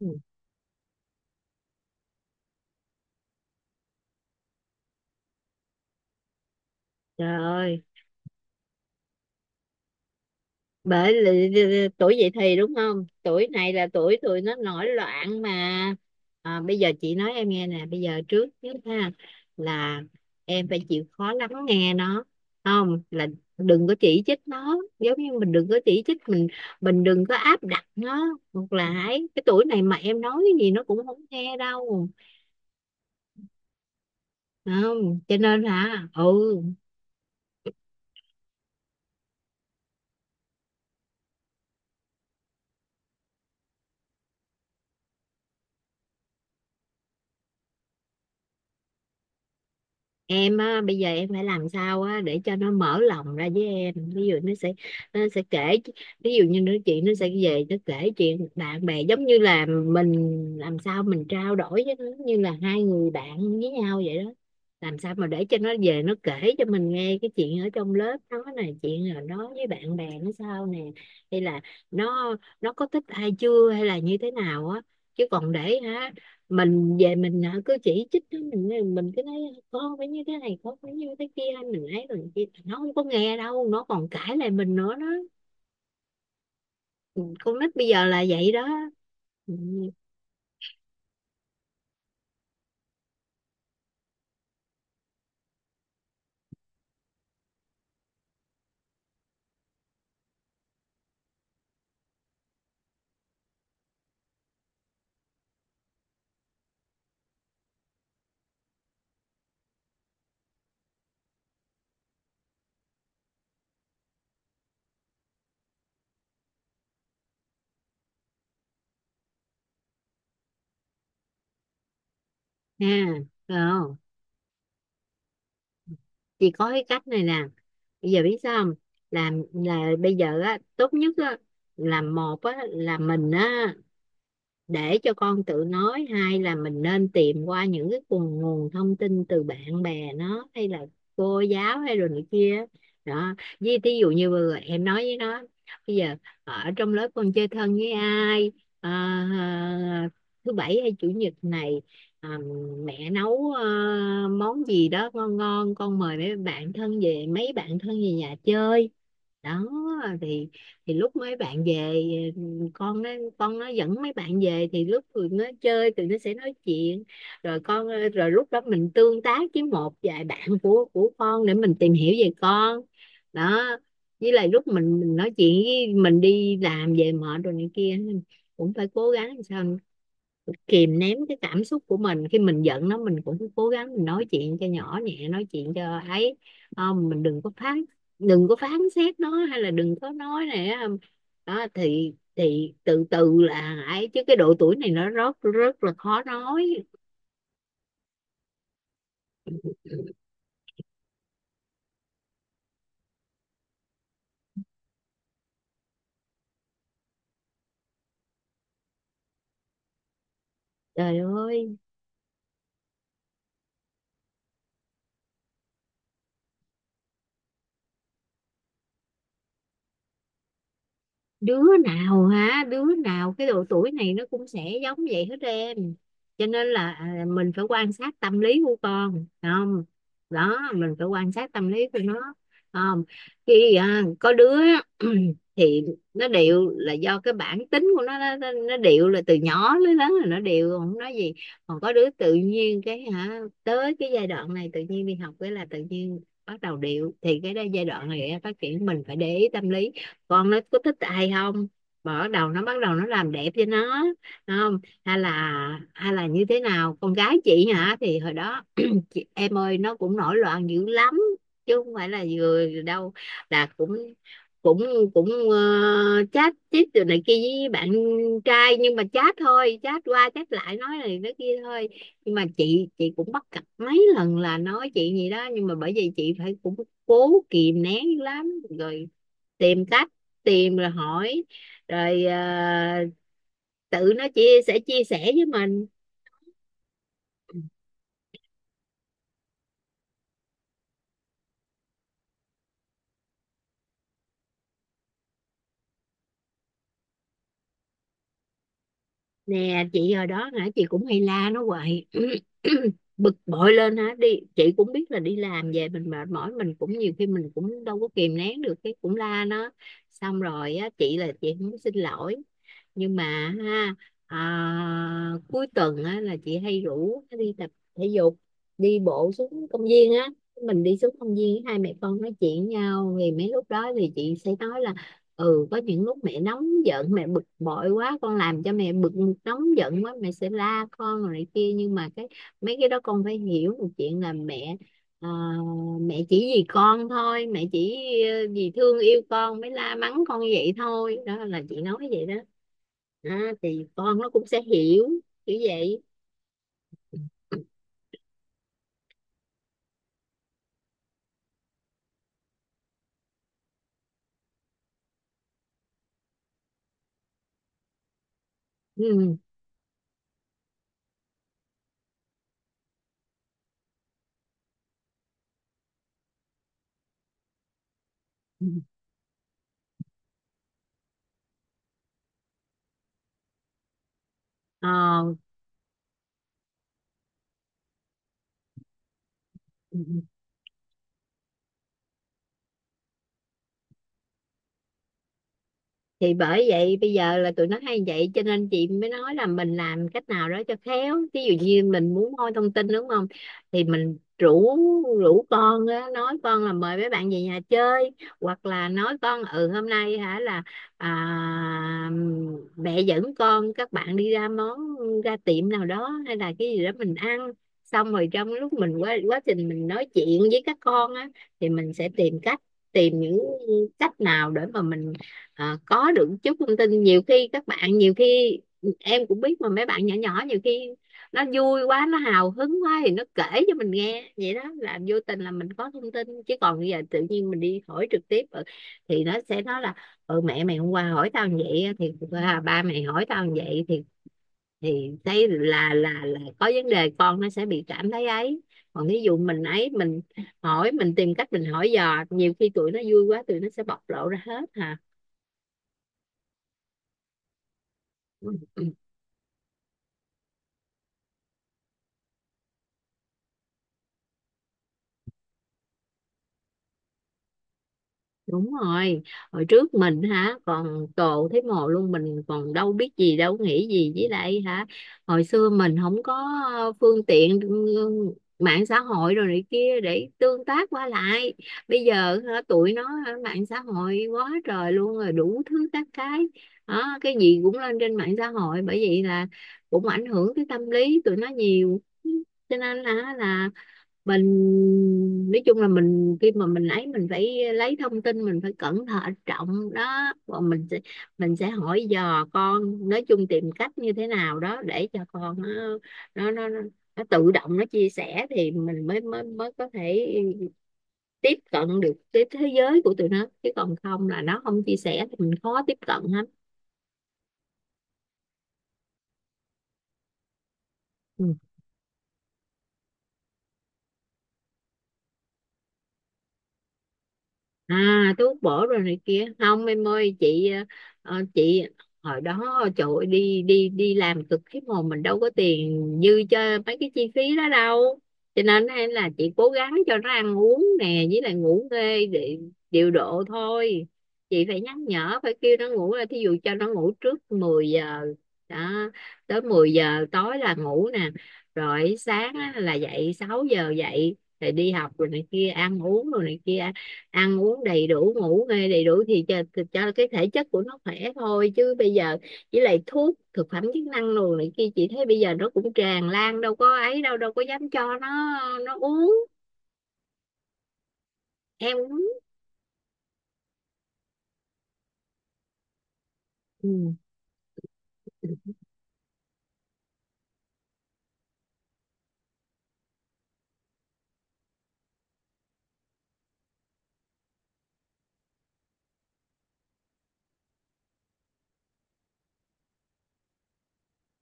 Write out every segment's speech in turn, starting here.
Ừ, trời ơi, bởi tuổi dậy thì đúng không? Tuổi này là tuổi tụi nó nổi loạn mà. À, bây giờ chị nói em nghe nè, bây giờ trước nhất ha là em phải chịu khó lắng nghe nó. Không, là đừng có chỉ trích nó, giống như mình đừng có chỉ trích mình đừng có áp đặt nó ngược lại. Cái tuổi này mà em nói cái gì nó cũng không nghe đâu. Không, cho nên hả? Ừ, em á, bây giờ em phải làm sao á để cho nó mở lòng ra với em, ví dụ nó sẽ kể, ví dụ như nó chuyện nó sẽ về nó kể chuyện bạn bè, giống như là mình làm sao mình trao đổi với nó như là hai người bạn với nhau vậy đó. Làm sao mà để cho nó về nó kể cho mình nghe cái chuyện ở trong lớp nó nè, chuyện là nó với bạn bè nó sao nè, hay là nó nó có thích ai chưa hay là như thế nào á, chứ còn để hả, mình về mình hả, cứ chỉ trích nó, mình cứ nói con phải như thế này con phải như thế kia, mình ấy rồi kia nó không có nghe đâu, nó còn cãi lại mình nữa đó. Con nít bây giờ là vậy đó. Ừ, ha, không? Chỉ có cái cách này nè, bây giờ biết sao không, làm là bây giờ á tốt nhất á là một á là mình á để cho con tự nói, hay là mình nên tìm qua những cái nguồn nguồn thông tin từ bạn bè nó hay là cô giáo hay rồi này kia đó. Với thí dụ như vừa rồi em nói với nó, bây giờ ở trong lớp con chơi thân với ai. Ờ, ờ, thứ bảy hay chủ nhật này, ờ, mẹ nấu món gì đó ngon ngon, con mời mấy bạn thân về, mấy bạn thân về nhà chơi đó. Thì lúc mấy bạn về, ừ, con nó con nó dẫn mấy bạn về, thì lúc tụi nó chơi tụi nó sẽ nói chuyện. Rồi con, rồi lúc đó mình tương tác với một vài bạn của con để mình tìm hiểu về con đó. Với lại lúc mình nói chuyện với, mình đi làm về mệt rồi này kia, cũng phải cố gắng làm sao kìm nén cái cảm xúc của mình, khi mình giận nó mình cũng cố gắng mình nói chuyện cho nhỏ nhẹ, nói chuyện cho ấy. Không, mình đừng có phán, đừng có phán xét nó hay là đừng có nói này đó, đó thì từ từ là ấy, chứ cái độ tuổi này nó rất rất là khó nói. Trời ơi, đứa nào hả, đứa nào cái độ tuổi này nó cũng sẽ giống vậy hết em. Cho nên là à, mình phải quan sát tâm lý của con phải không, đó mình phải quan sát tâm lý của nó. Không, khi à, có đứa thì nó điệu là do cái bản tính của nó, nó điệu là từ nhỏ đến lớn là nó điệu không nói gì. Còn có đứa tự nhiên cái hả tới cái giai đoạn này tự nhiên đi học cái là tự nhiên bắt đầu điệu, thì cái đó giai đoạn này em phát triển mình phải để ý tâm lý, con nó có thích ai không, mở đầu nó bắt đầu nó làm đẹp cho nó, không, hay là như thế nào. Con gái chị hả thì hồi đó chị, em ơi, nó cũng nổi loạn dữ lắm chứ không phải là vừa đâu, là cũng cũng cũng ờ, chat chít từ này kia với bạn trai, nhưng mà chat thôi, chat qua chat lại nói này nói kia thôi. Nhưng mà chị cũng bắt gặp mấy lần là nói chị gì đó, nhưng mà bởi vì chị phải cũng cố kìm nén dữ lắm rồi, tìm cách, tìm rồi hỏi, rồi ờ, tự nó chia sẻ với mình. Nè chị hồi đó hả chị cũng hay la nó hoài bực bội lên hả đi, chị cũng biết là đi làm về mình mệt mỏi mình cũng nhiều khi mình cũng đâu có kìm nén được, cái cũng la nó. Xong rồi á chị là chị không có xin lỗi, nhưng mà ha à, cuối tuần á, là chị hay rủ nó đi tập thể dục, đi bộ xuống công viên á, mình đi xuống công viên hai mẹ con nói chuyện với nhau, thì mấy lúc đó thì chị sẽ nói là ừ có những lúc mẹ nóng giận mẹ bực bội quá con làm cho mẹ bực, nóng giận quá mẹ sẽ la con rồi này kia, nhưng mà cái mấy cái đó con phải hiểu một chuyện là mẹ à, mẹ chỉ vì con thôi, mẹ chỉ ờ, vì thương yêu con mới la mắng con vậy thôi, đó là chị nói vậy đó. À, thì con nó cũng sẽ hiểu kiểu vậy. Ừ. Ờ. Ừ, ừ. Thì bởi vậy bây giờ là tụi nó hay vậy cho nên chị mới nói là mình làm cách nào đó cho khéo, ví dụ như mình muốn moi thông tin đúng không, thì mình rủ, con á, nói con là mời mấy bạn về nhà chơi, hoặc là nói con ừ hôm nay hả là à, mẹ dẫn con các bạn đi ra món, ra tiệm nào đó hay là cái gì đó mình ăn. Xong rồi trong lúc mình quá quá trình mình nói chuyện với các con á, thì mình sẽ tìm cách, tìm những cách nào để mà mình ờ, có được chút thông tin. Nhiều khi các bạn, nhiều khi em cũng biết mà, mấy bạn nhỏ nhỏ nhiều khi nó vui quá nó hào hứng quá thì nó kể cho mình nghe vậy đó, là vô tình là mình có thông tin. Chứ còn bây giờ tự nhiên mình đi hỏi trực tiếp ờ, thì nó sẽ nói là ừ mẹ mày hôm qua hỏi tao như vậy á, thì à, ba mày hỏi tao như vậy thì thấy là có vấn đề con nó sẽ bị cảm thấy ấy. Còn ví dụ mình ấy mình hỏi, mình tìm cách mình hỏi dò, nhiều khi tụi nó vui quá tụi nó sẽ bộc lộ ra hết hả. Ừ. Ừ. Đúng rồi, hồi trước mình hả còn cồ thấy mồ luôn, mình còn đâu biết gì đâu nghĩ gì, với lại hả hồi xưa mình không có ờ, phương tiện ừ, mạng xã hội rồi này kia để tương tác qua lại. Bây giờ hả, tụi nó hả, mạng xã hội quá trời luôn rồi, đủ thứ các cái đó, cái gì cũng lên trên mạng xã hội, bởi vậy là cũng ảnh hưởng tới tâm lý tụi nó nhiều. Cho nên là mình nói chung là mình khi mà mình ấy mình phải lấy thông tin mình phải cẩn thận trọng đó, và mình sẽ hỏi dò con. Nói chung tìm cách như thế nào đó để cho con nó nó tự động nó chia sẻ, thì mình mới mới mới có thể tiếp cận được cái thế giới của tụi nó, chứ còn không là nó không chia sẻ thì mình khó tiếp cận lắm. Ừ. À cái út bổ rồi này kia không em ơi, chị ờ, ờ, chị hồi đó trời ơi, đi đi đi làm cực khiếp hồn, mình đâu có tiền dư cho mấy cái chi phí đó đâu. Cho nên hay là chị cố gắng cho nó ăn uống nè với lại ngủ nghê để điều độ thôi. Chị phải nhắc nhở phải kêu nó ngủ, là thí dụ cho nó ngủ trước 10 giờ đó, tới 10 giờ tối là ngủ nè, rồi sáng á, là dậy 6 giờ dậy rồi đi học rồi này kia ăn uống rồi này kia, ăn uống đầy đủ ngủ nghê đầy đủ thì cho cái thể chất của nó khỏe thôi. Chứ bây giờ với lại thuốc thực phẩm chức năng đồ này kia chị thấy bây giờ nó cũng tràn lan đâu có ấy, đâu đâu có dám cho nó uống, em uống. Ừ.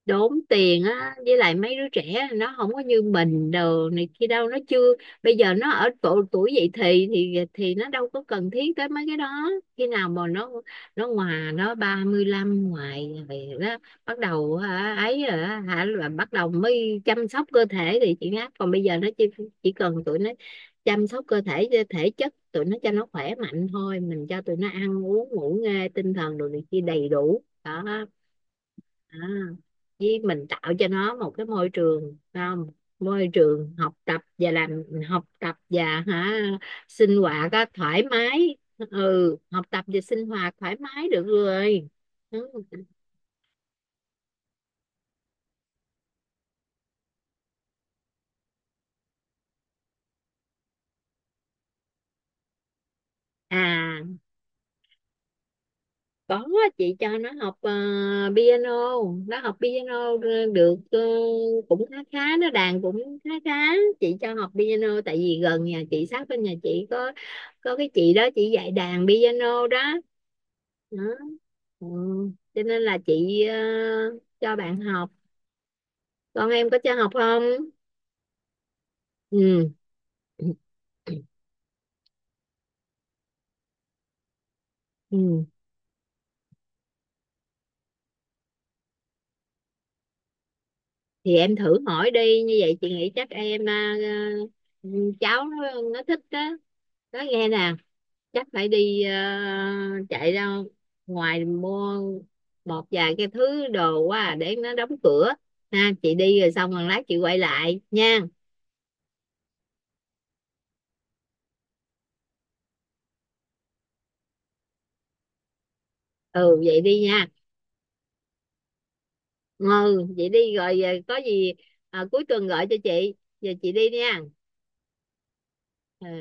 Đốn tiền á, với lại mấy đứa trẻ nó không có như mình đồ này kia đâu nó chưa, bây giờ nó ở độ tuổi dậy thì thì nó đâu có cần thiết tới mấy cái đó. Khi nào mà nó ngoài nó 35 ngoài thì đó bắt đầu hả, ấy rồi á, hả là bắt đầu mới chăm sóc cơ thể thì chị ngáp. Còn bây giờ nó chỉ cần tụi nó chăm sóc cơ thể thể chất tụi nó cho nó khỏe mạnh thôi, mình cho tụi nó ăn uống ngủ nghê tinh thần đồ này kia đầy đủ đó. À, với mình tạo cho nó một cái môi trường, không, môi trường học tập và làm, học tập và hả sinh hoạt á, thoải mái. Ừ học tập và sinh hoạt thoải mái được rồi. Ừ. À có, chị cho nó học ờ, piano, nó học piano được ờ, cũng khá khá, nó đàn cũng khá khá. Chị cho học piano tại vì gần nhà chị sát bên nhà chị có cái chị đó chị dạy đàn piano đó, đó. Ừ. Cho nên là chị ờ, cho bạn học, con em có cho học không. Ừ. Ừ. Thì em thử hỏi đi, như vậy chị nghĩ chắc em ờ, ừ, cháu nó thích đó, nói nghe nè, chắc phải đi ờ, chạy ra ngoài mua một vài cái thứ đồ quá à, để nó đóng cửa. Ha chị đi rồi xong rồi lát chị quay lại nha. Ừ vậy đi nha. Ừ vậy đi rồi ờ, có gì ờ, cuối tuần gọi cho chị, giờ chị đi nha.